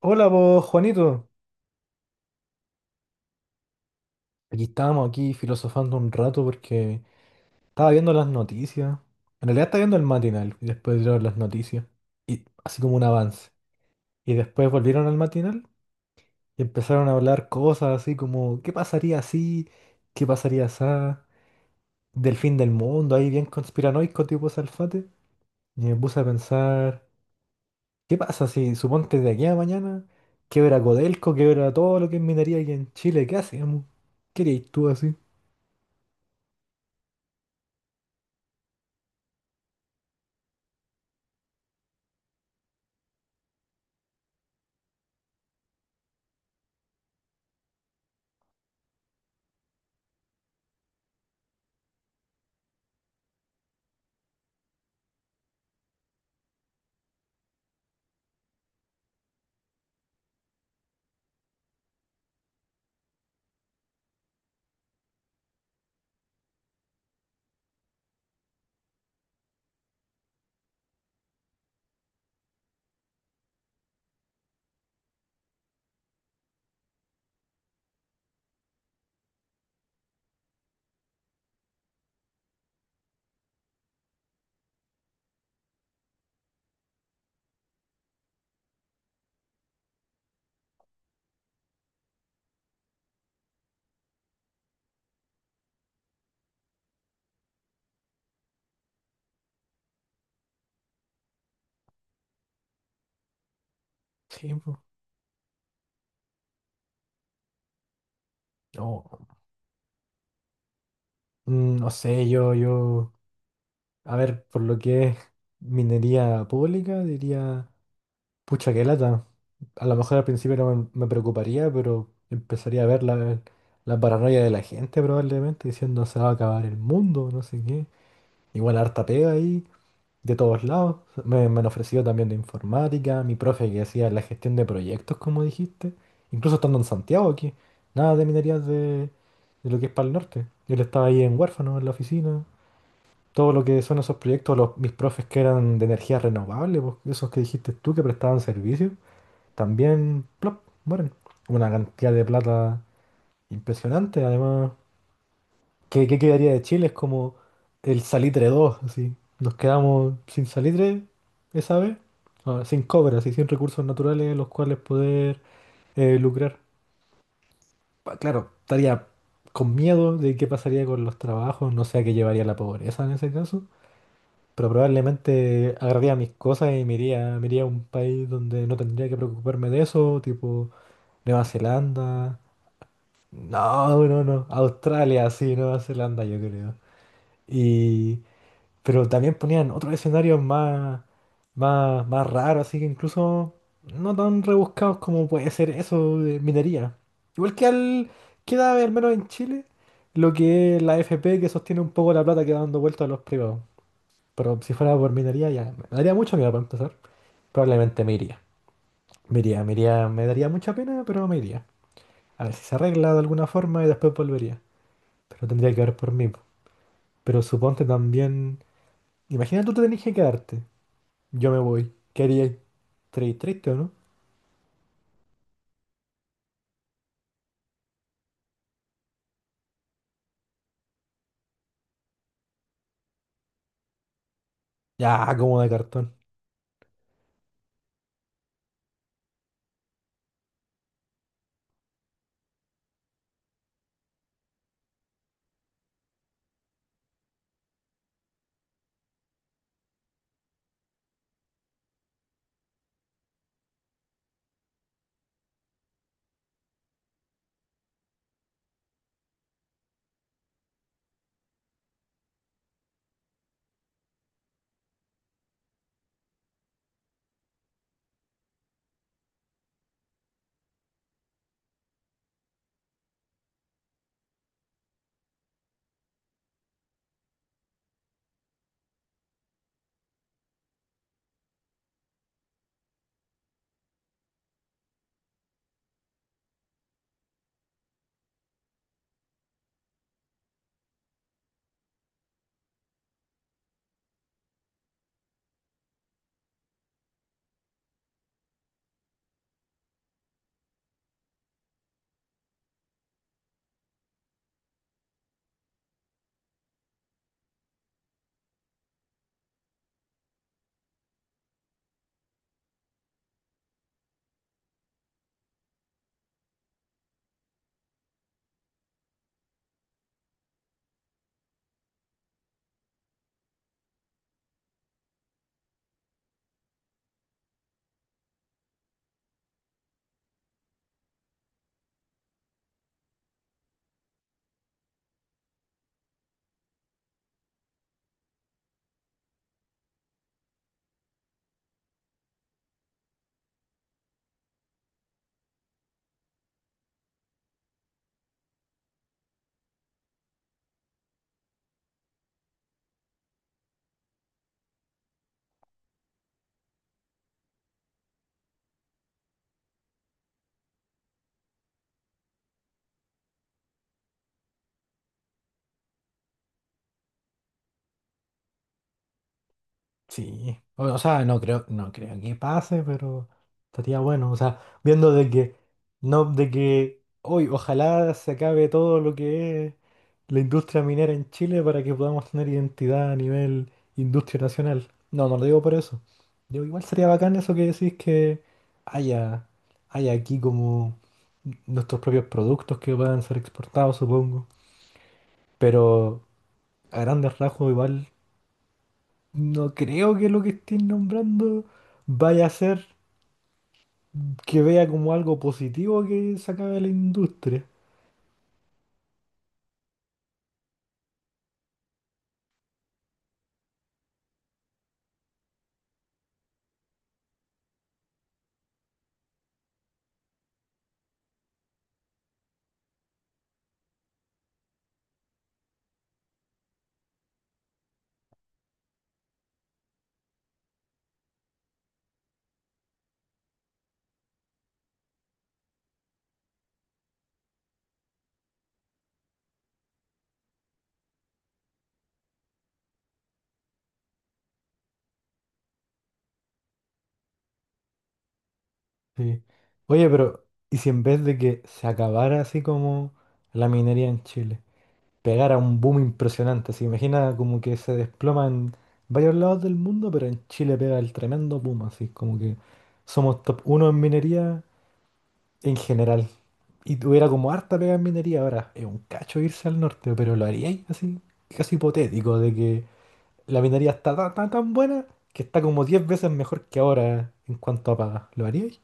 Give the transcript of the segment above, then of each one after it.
Hola vos, Juanito. Aquí estábamos aquí filosofando un rato porque estaba viendo las noticias. En realidad estaba viendo el matinal y después vieron las noticias. Y así como un avance. Y después volvieron al matinal y empezaron a hablar cosas así como ¿qué pasaría si? ¿Qué pasaría esa? Del fin del mundo, ahí bien conspiranoico tipo Salfate. Y me puse a pensar, ¿qué pasa si suponte de aquí a mañana quebra Codelco, quebra todo lo que es minería aquí en Chile? ¿Qué hacemos? ¿Qué harías tú así? Sí, po. No, no sé, yo, a ver, por lo que es minería pública, diría, pucha, qué lata. A lo mejor al principio no me preocuparía, pero empezaría a ver la paranoia de la gente probablemente, diciendo se va a acabar el mundo, no sé qué. Igual harta pega ahí, de todos lados. Me han ofrecido también de informática, mi profe que hacía la gestión de proyectos, como dijiste, incluso estando en Santiago aquí, nada de minerías de lo que es para el norte. Yo le estaba ahí en huérfano, en la oficina. Todo lo que son esos proyectos, mis profes que eran de energía renovable, pues, esos que dijiste tú que prestaban servicio, también plop, mueren. Una cantidad de plata impresionante, además. Qué quedaría de Chile? Es como el salitre 2 así. Nos quedamos sin salitre esa vez, ah, sin cobre, así, sin recursos naturales los cuales poder lucrar. Claro, estaría con miedo de qué pasaría con los trabajos, no sé a qué llevaría la pobreza en ese caso. Pero probablemente agarraría mis cosas y me iría a un país donde no tendría que preocuparme de eso, tipo Nueva Zelanda. No, no, no. Australia, sí, Nueva Zelanda, yo creo. Y, pero también ponían otros escenarios más raros, así que incluso no tan rebuscados como puede ser eso de minería. Igual que al, queda al menos en Chile, lo que es la AFP que sostiene un poco la plata que da dando vuelta a los privados. Pero si fuera por mi daría ya. Me daría mucho miedo para empezar. Probablemente me iría. Me daría mucha pena, pero me iría. A ver si se arregla de alguna forma y después volvería. Pero tendría que ver por mí. Po. Pero suponte también. Imagina tú te tenés que quedarte. Yo me voy. ¿Qué harías? Triste o no? Ya, como de cartón. Sí, o sea, no creo que pase, pero estaría bueno, o sea, viendo de que, no, de que hoy ojalá se acabe todo lo que es la industria minera en Chile para que podamos tener identidad a nivel industria nacional. No, no lo digo por eso. Digo, igual sería bacán eso que decís que haya, haya aquí como nuestros propios productos que puedan ser exportados, supongo. Pero a grandes rasgos igual no creo que lo que estén nombrando vaya a ser que vea como algo positivo que se acabe la industria. Sí. Oye, pero ¿y si en vez de que se acabara así como la minería en Chile, pegara un boom impresionante? Se imagina como que se desploma en varios lados del mundo, pero en Chile pega el tremendo boom, así como que somos top uno en minería en general. Y tuviera como harta pega en minería ahora. Es un cacho irse al norte, pero lo haríais así, casi hipotético, de que la minería está tan buena que está como 10 veces mejor que ahora en cuanto a paga. ¿Lo haríais?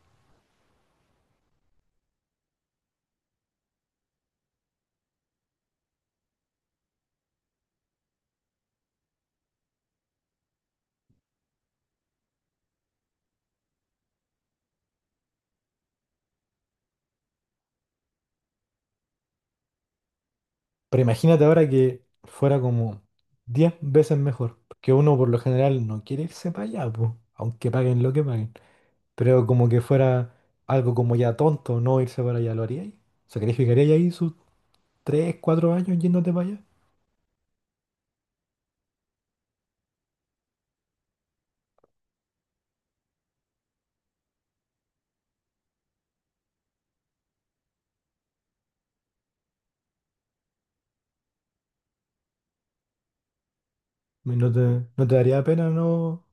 Pero imagínate ahora que fuera como 10 veces mejor, que uno por lo general no quiere irse para allá, po, aunque paguen lo que paguen. Pero como que fuera algo como ya tonto no irse para allá, ¿lo haríais? ¿Sacrificaríais ahí sus 3 4 años yéndote para allá? ¿No te, no te daría pena, no?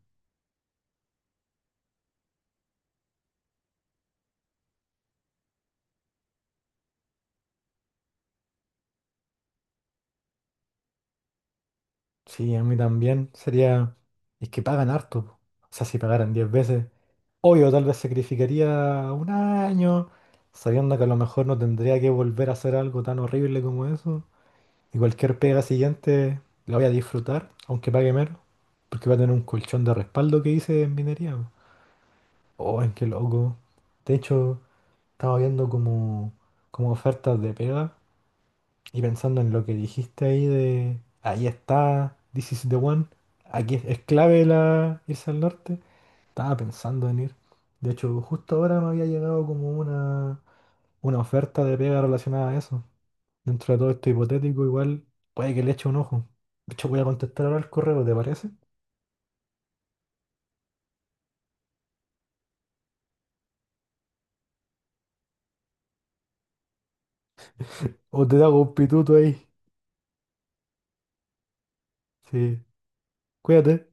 Sí, a mí también. Sería... Es que pagan harto. Po. O sea, si pagaran 10 veces, obvio, tal vez sacrificaría un año, sabiendo que a lo mejor no tendría que volver a hacer algo tan horrible como eso. Y cualquier pega siguiente la voy a disfrutar, aunque pague menos, porque va a tener un colchón de respaldo que hice en minería. Po. Oh, qué loco. De hecho, estaba viendo como ofertas de pega. Y pensando en lo que dijiste ahí de, ahí está, this is the one, aquí es clave la, irse al norte, estaba pensando en ir. De hecho, justo ahora me había llegado como una oferta de pega relacionada a eso. Dentro de todo esto hipotético, igual puede que le eche un ojo. De hecho, voy a contestar ahora el correo, ¿te parece? O te hago un pituto ahí. Sí, cuídate.